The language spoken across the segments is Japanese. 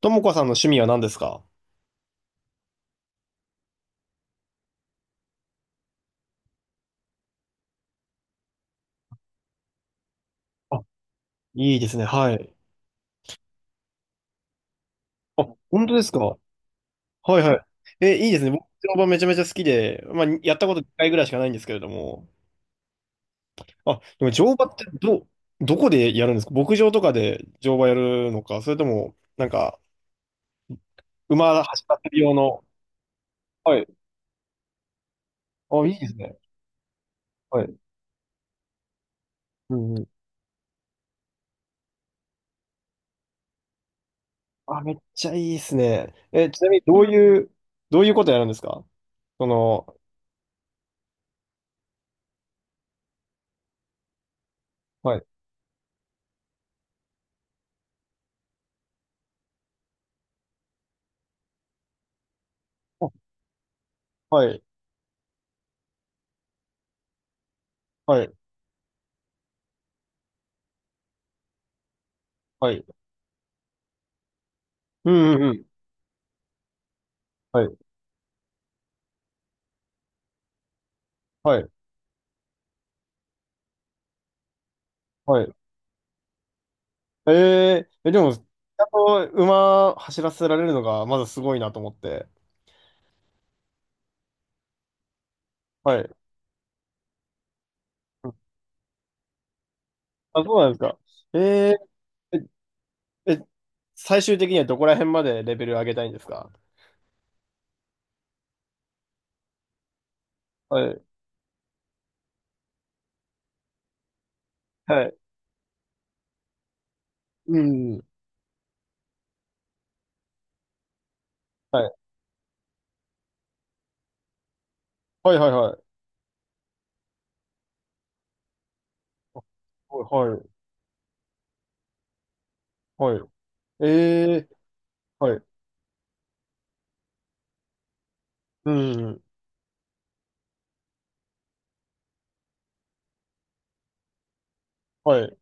ともこさんの趣味は何ですか？あ、いいですね。はい。本当ですか？はいはい。え、いいですね。僕、乗馬めちゃめちゃ好きで、まあ、やったこと1回ぐらいしかないんですけれども。あ、でも乗馬ってどこでやるんですか？牧場とかで乗馬やるのか、それとも、なんか、馬走らせる用の。はい。あ、いいですね。はい。うんうん。あ、めっちゃいいですね。え、ちなみにどういうことやるんですか？その、はい。あ、はい。はい。はい。うんうんうん。はい。はい。はい。えええ、でも、ちゃんと馬走らせられるのがまずすごいなと思って。はい。うん。あ、そうなんですか。えええ、え最終的にはどこら辺までレベル上げたいんですか？はい。はい。うん。はい。はいはいはい。はい。はい。ええ。はい。うん。はい。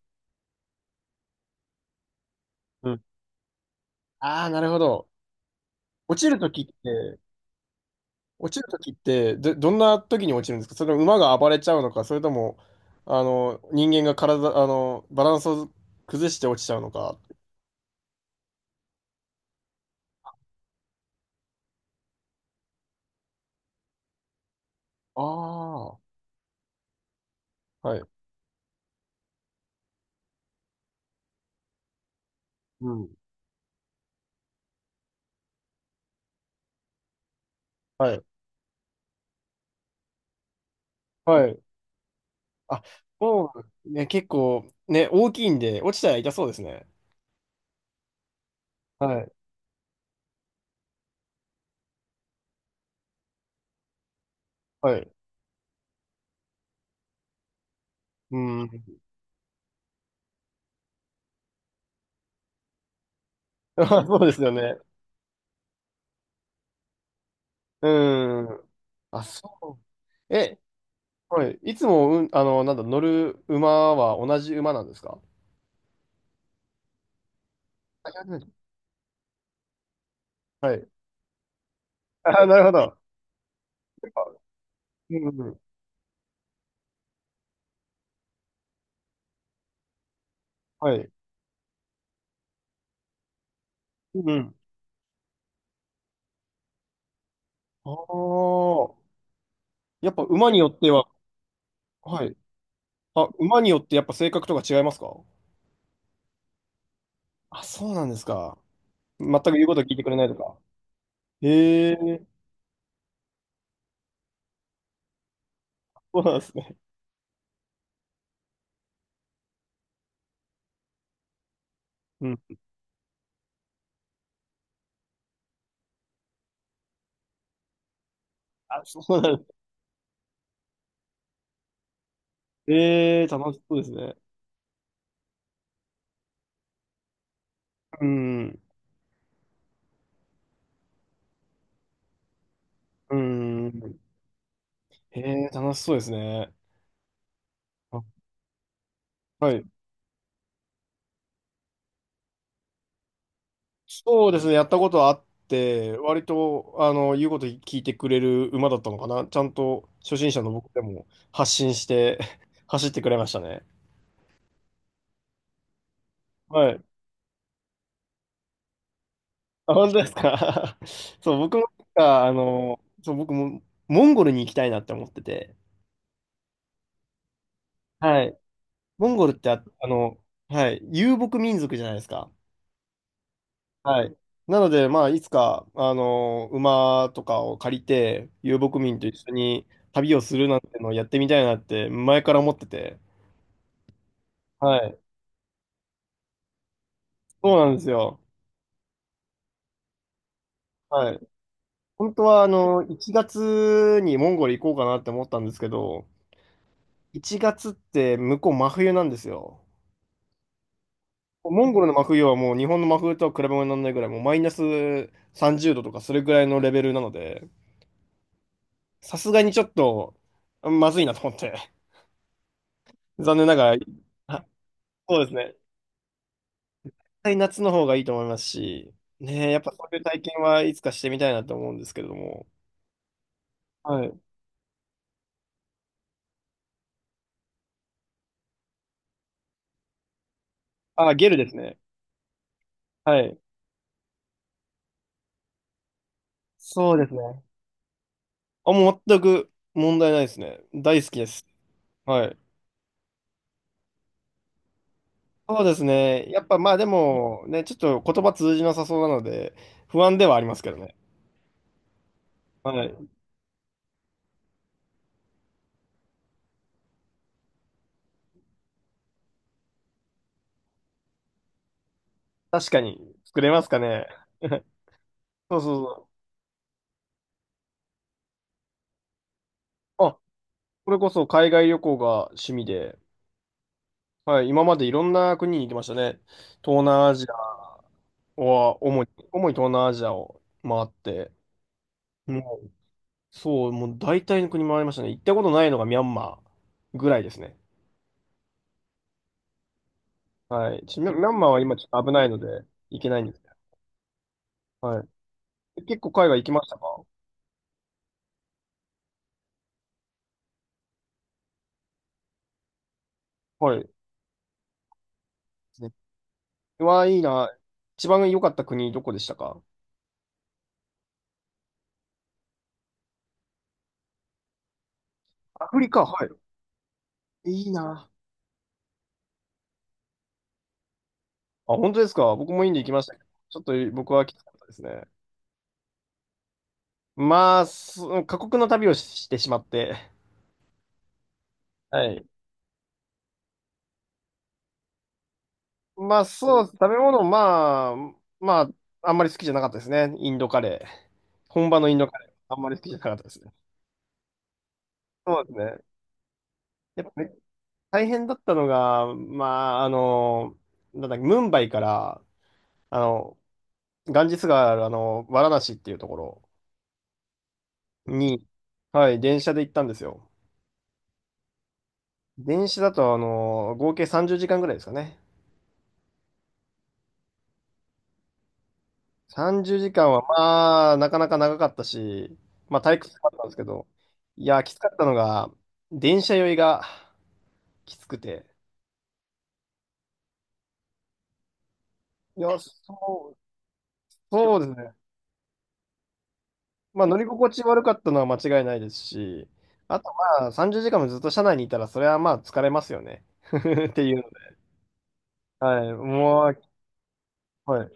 うん。ああ、なるほど。落ちるときって、落ちるときって、どんなときに落ちるんですか？それとも馬が暴れちゃうのか、それとも、人間が体、バランスを崩して落ちちゃうのか。ああ、はい。うん。はい。はい。あ、もう、ね、結構、ね、大きいんで、落ちたら痛そうですね。はい。はい。うん。あ、そうですよね。うん。あ、そう。え、はい。いつも、うん、なんだ、乗る馬は同じ馬なんですか？あ、いや。はい。あ、なるほど。うんうん。はい。うんうん。ああ、やっぱ馬によっては、はい。あ、馬によってやっぱ性格とか違いますか？あ、そうなんですか。全く言うこと聞いてくれないとか。へえ、そうなんですね。うん。あ、そうなんです。ええ、楽しそうですね。うん。うん。へえ、楽しそうですね。あ、はい。そうですね。やったことあって、割と、言うこと聞いてくれる馬だったのかな。ちゃんと初心者の僕でも発信して 走ってくれましたね。はい。あ、本当ですか？ そう、僕もなんか、僕もモンゴルに行きたいなって思ってて、はい。モンゴルってはい、遊牧民族じゃないですか。はい。なので、まあ、いつか、馬とかを借りて、遊牧民と一緒に旅をするなんてのをやってみたいなって、前から思ってて、はい。そうなんですよ。はい。本当は、1月にモンゴル行こうかなって思ったんですけど、1月って向こう真冬なんですよ。モンゴルの真冬はもう日本の真冬とは比べ物にならないぐらい、もうマイナス30度とかそれぐらいのレベルなので、さすがにちょっとまずいなと思って、残念ながら、あ、そうですね。絶対夏の方がいいと思いますし、ねえ、やっぱそういう体験はいつかしてみたいなと思うんですけれども。はい。あ、ゲルですね。はい。そうですね。あ、もう全く問題ないですね。大好きです。はい。そうですね。やっぱまあでも、ね、ちょっと言葉通じなさそうなので、不安ではありますけどね。はい。確かに、作れますかね。そうそうそう。あ、これこそ海外旅行が趣味で、はい、今までいろんな国に行きましたね。東南アジアは主に、東南アジアを回って、もう、そう、もう大体の国回りましたね。行ったことないのがミャンマーぐらいですね。はい。ちミャミャンマーは今ちょっと危ないので、行けないんですけど。はい。結構海外行きましたか？はい。ですね。うわ、いいな。一番良かった国どこでしたか？アフリカ、はい。いいな。あ、本当ですか。僕もインド行きましたけど、ちょっと僕はきつかったですね。まあ、過酷な旅をしてしまって。はい。まあ、そうです。食べ物、まあ、まあ、あんまり好きじゃなかったですね。インドカレー。本場のインドカレー、あんまり好きじゃなかったですね。そうですね。やっぱね、大変だったのが、まあ、なんだっけ、ムンバイから、あの、ガンジス川ある、ワラナシっていうところに、はい、電車で行ったんですよ。電車だと、合計30時間ぐらいですかね。30時間はまあ、なかなか長かったし、まあ退屈だったんですけど、いや、きつかったのが、電車酔いがきつくて。いや、そう、そうですね。まあ乗り心地悪かったのは間違いないですし、あと、まあ30時間もずっと車内にいたら、それはまあ疲れますよね。っていうので。はい、もう、はい。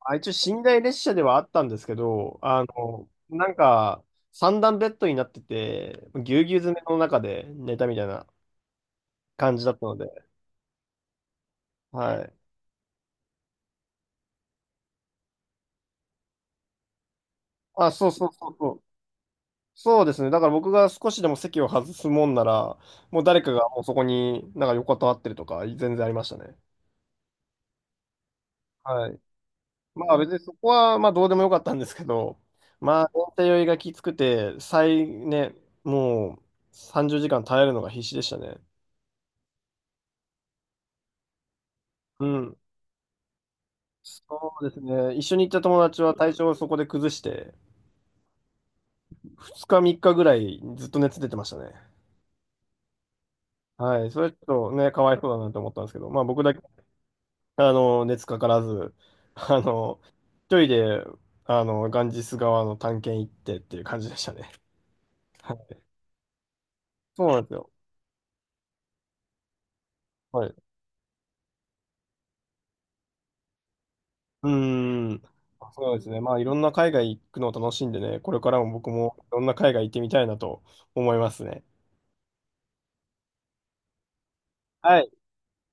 あ、一応寝台列車ではあったんですけど、なんか、三段ベッドになってて、ぎゅうぎゅう詰めの中で寝たみたいな感じだったので、はい。あ、そうそうそうそう。そうですね。だから僕が少しでも席を外すもんなら、もう誰かがもうそこになんか横たわってるとか、全然ありましたね。はい。まあ別にそこはまあどうでもよかったんですけど、まあ、延滞酔いがきつくて、もう30時間耐えるのが必死でしたね。うん。そうですね。一緒に行った友達は体調をそこで崩して、2日3日ぐらいずっと熱出てましたね。はい。それちょっとね、かわいそうだなと思ったんですけど、まあ僕だけ熱かからず、あの、一人で、ガンジス川の探検行ってっていう感じでしたね。はい。そうなんですよ。はい。うーん。そうですね。まあ、いろんな海外行くのを楽しんでね、これからも僕もいろんな海外行ってみたいなと思いますね。はい。